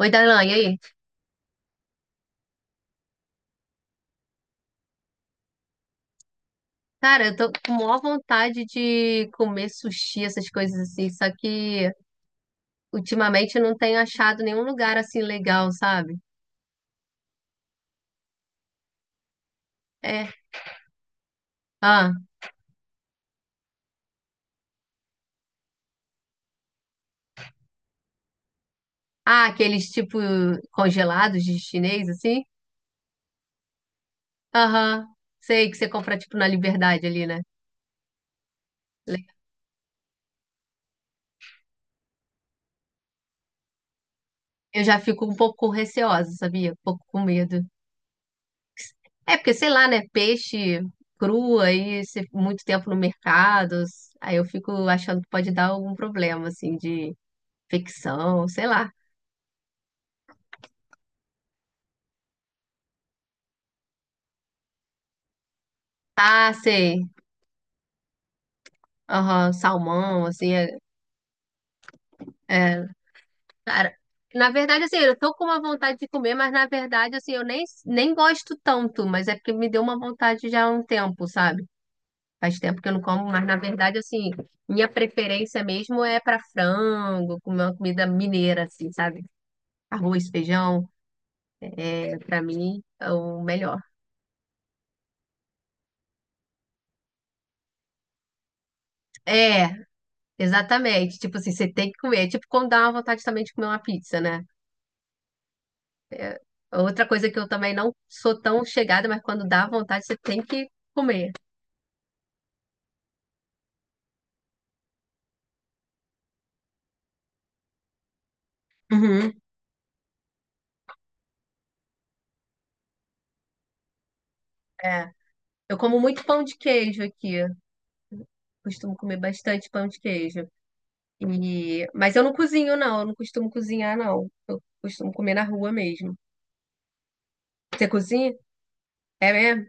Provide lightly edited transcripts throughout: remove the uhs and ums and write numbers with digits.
Oi, Darlan, e aí? Cara, eu tô com maior vontade de comer sushi, essas coisas assim, só que ultimamente eu não tenho achado nenhum lugar assim legal, sabe? É. Ah, ah, aqueles tipo congelados de chinês, assim? Aham. Sei que você compra tipo na Liberdade ali, né? Le- Eu já fico um pouco receosa, sabia? Um pouco com medo. É porque, sei lá, né? Peixe cru aí, muito tempo no mercado, aí eu fico achando que pode dar algum problema, assim, de ficção, sei lá. Ah, sei. Aham, salmão, assim, é, é, cara, na verdade, assim, eu tô com uma vontade de comer, mas na verdade, assim, eu nem gosto tanto, mas é porque me deu uma vontade já há um tempo, sabe? Faz tempo que eu não como, mas na verdade, assim, minha preferência mesmo é pra frango, comer uma comida mineira, assim, sabe? Arroz, feijão, é, pra mim, é o melhor. É, exatamente. Tipo assim, você tem que comer. É tipo quando dá uma vontade também de comer uma pizza, né? É, outra coisa que eu também não sou tão chegada, mas quando dá vontade, você tem que comer. Uhum. É. Eu como muito pão de queijo aqui. Costumo comer bastante pão de queijo. E... mas eu não cozinho, não. Eu não costumo cozinhar, não. Eu costumo comer na rua mesmo. Você cozinha? É mesmo?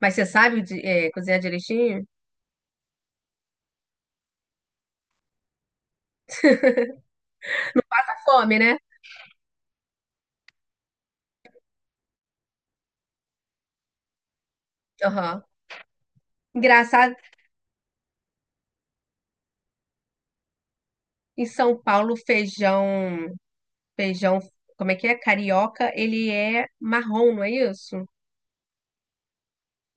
Mas é, cozinhar direitinho? Tá fome, né? Aham. Engraçado, em São Paulo, feijão. Feijão. Como é que é? Carioca, ele é marrom, não é isso?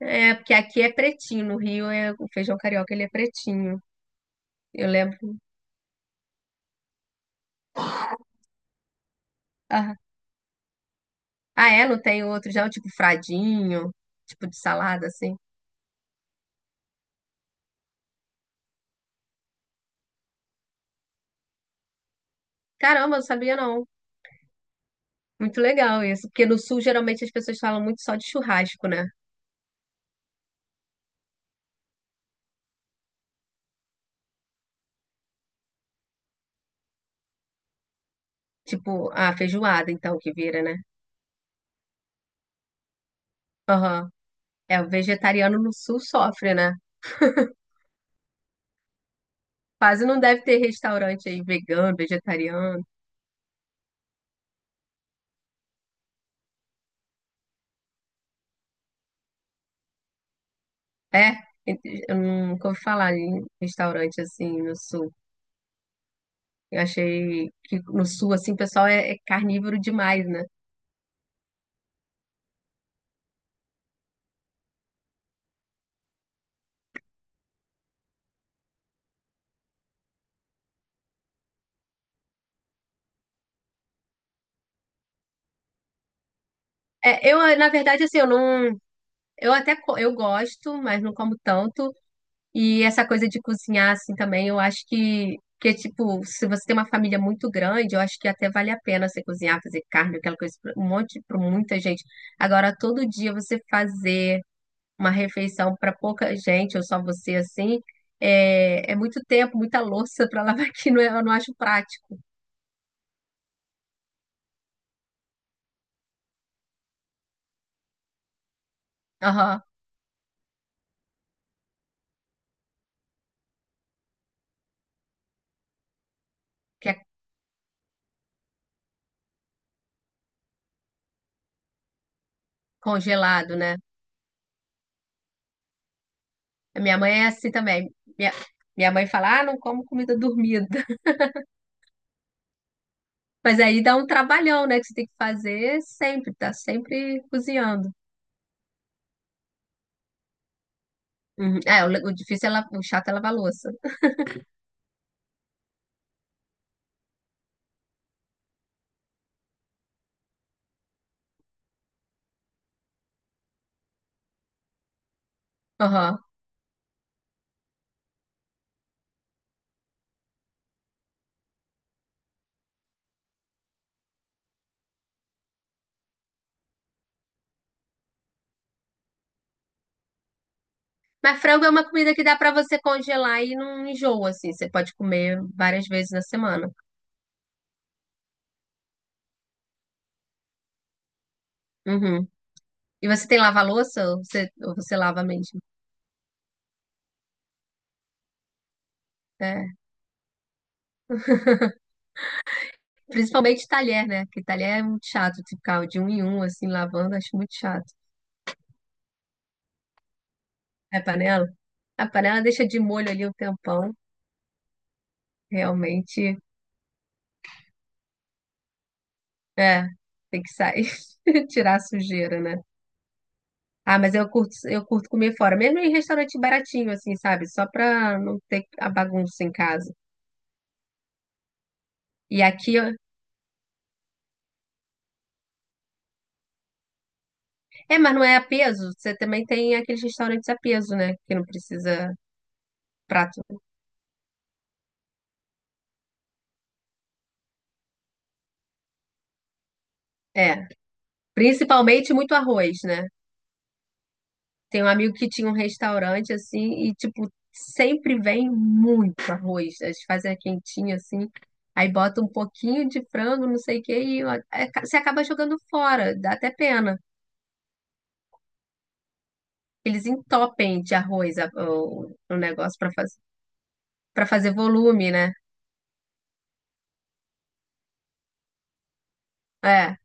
É, porque aqui é pretinho, no Rio é, o feijão carioca ele é pretinho, eu lembro. Ah, ah, é? Não tem outro já, o tipo fradinho, tipo de salada, assim. Caramba, eu não sabia não. Muito legal isso, porque no Sul geralmente as pessoas falam muito só de churrasco, né? Tipo, a feijoada, então, que vira, né? Aham. É, o vegetariano no Sul sofre, né? Quase não deve ter restaurante aí vegano, vegetariano. É, eu nunca ouvi falar em restaurante assim no Sul. Eu achei que no sul, assim, o pessoal é carnívoro demais, né? É, eu, na verdade, assim, eu não. Eu gosto, mas não como tanto. E essa coisa de cozinhar, assim, também, eu acho que tipo, se você tem uma família muito grande, eu acho que até vale a pena você cozinhar, fazer carne, aquela coisa, para muita gente. Agora, todo dia você fazer uma refeição para pouca gente, ou só você, assim, é, é muito tempo, muita louça para lavar, que não é- eu não acho prático. Aham. Que é congelado, né? A minha mãe é assim também. Minha mãe fala, ah, não como comida dormida. Mas aí dá um trabalhão, né? Que você tem que fazer sempre, tá sempre cozinhando. Uhum. É, o difícil é, o chato é lavar a louça. Uhum. Mas frango é uma comida que dá pra você congelar e não enjoa, assim. Você pode comer várias vezes na semana. Uhum. E você tem lava-louça ou você lava mesmo? É. Principalmente talher, né? Porque talher é muito chato de ficar de um em um, assim, lavando, acho muito chato. É panela? A panela deixa de molho ali um tempão. Realmente, é, tem que sair, tirar a sujeira, né? Ah, mas eu curto comer fora, mesmo em restaurante baratinho, assim, sabe? Só pra não ter a bagunça em casa. E aqui, ó, é, mas não é a peso. Você também tem aqueles restaurantes a peso, né? Que não precisa prato. É, principalmente muito arroz, né? Tem um amigo que tinha um restaurante assim e, tipo, sempre vem muito arroz, né? Eles fazem a quentinha assim, aí bota um pouquinho de frango, não sei o quê, e ó, é, você acaba jogando fora, dá até pena. Eles entopem de arroz o negócio para fazer volume, né? É,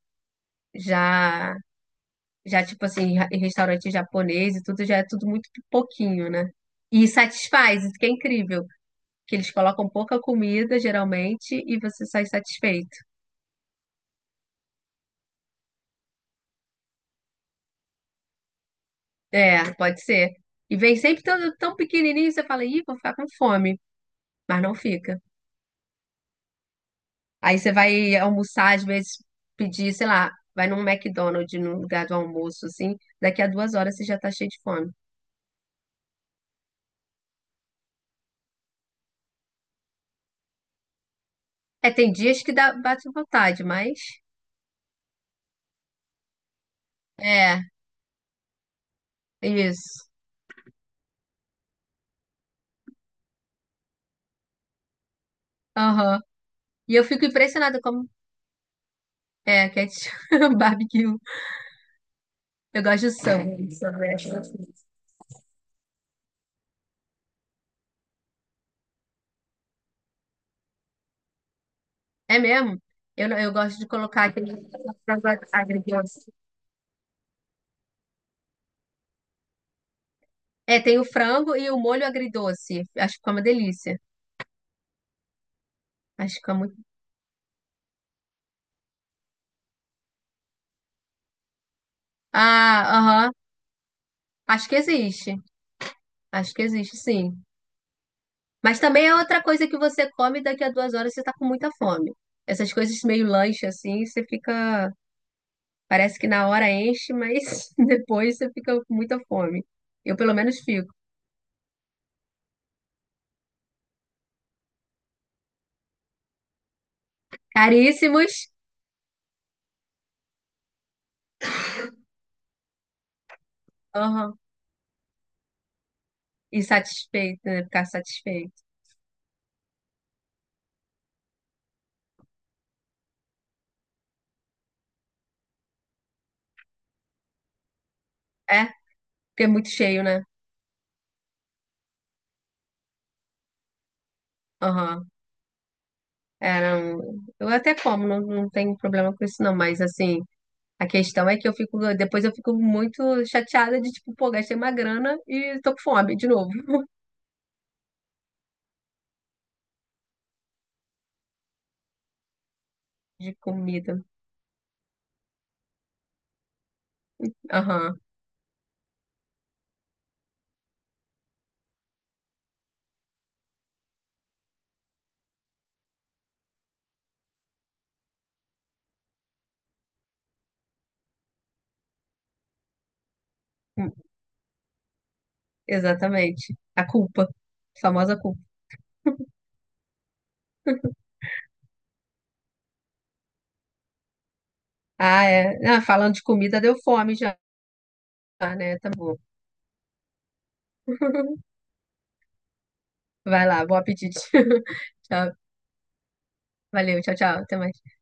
já, já tipo assim, em restaurante japonês e tudo, já é tudo muito pouquinho, né? E satisfaz, isso que é incrível. Que eles colocam pouca comida, geralmente, e você sai satisfeito. É, pode ser. E vem sempre tão, tão pequenininho, você fala, ih, vou ficar com fome, mas não fica. Aí você vai almoçar, às vezes pedir, sei lá, vai num McDonald's, num lugar do almoço, assim, daqui a 2 horas você já tá cheio de fome. É, tem dias que dá, bate vontade, mas... É, é isso. Aham. E eu fico impressionada como... É, ketchup, barbecue. Eu gosto de samba. É mesmo? Eu, não- eu gosto de colocar aquele... frango agridoce. É, tem o frango e o molho agridoce. Acho que fica uma delícia. Acho que fica muito. Ah, aham. Acho que existe. Acho que existe, sim. Mas também é outra coisa que você come e daqui a 2 horas você tá com muita fome. Essas coisas meio lanche assim, você fica. Parece que na hora enche, mas depois você fica com muita fome. Eu pelo menos fico. Caríssimos. Aham. E satisfeito, né? Ficar satisfeito. É, porque é muito cheio, né? Aham. É, não... Eu até como, não, não tenho problema com isso, não, mas assim. A questão é que eu fico, depois eu fico muito chateada de, tipo, pô, gastei uma grana e tô com fome de novo, de comida. Aham, hum, exatamente. A culpa, a famosa culpa. Ah, é. Ah, falando de comida, deu fome já, né? Tá bom. Vai lá, bom apetite. Tchau. Valeu, tchau, tchau. Até mais.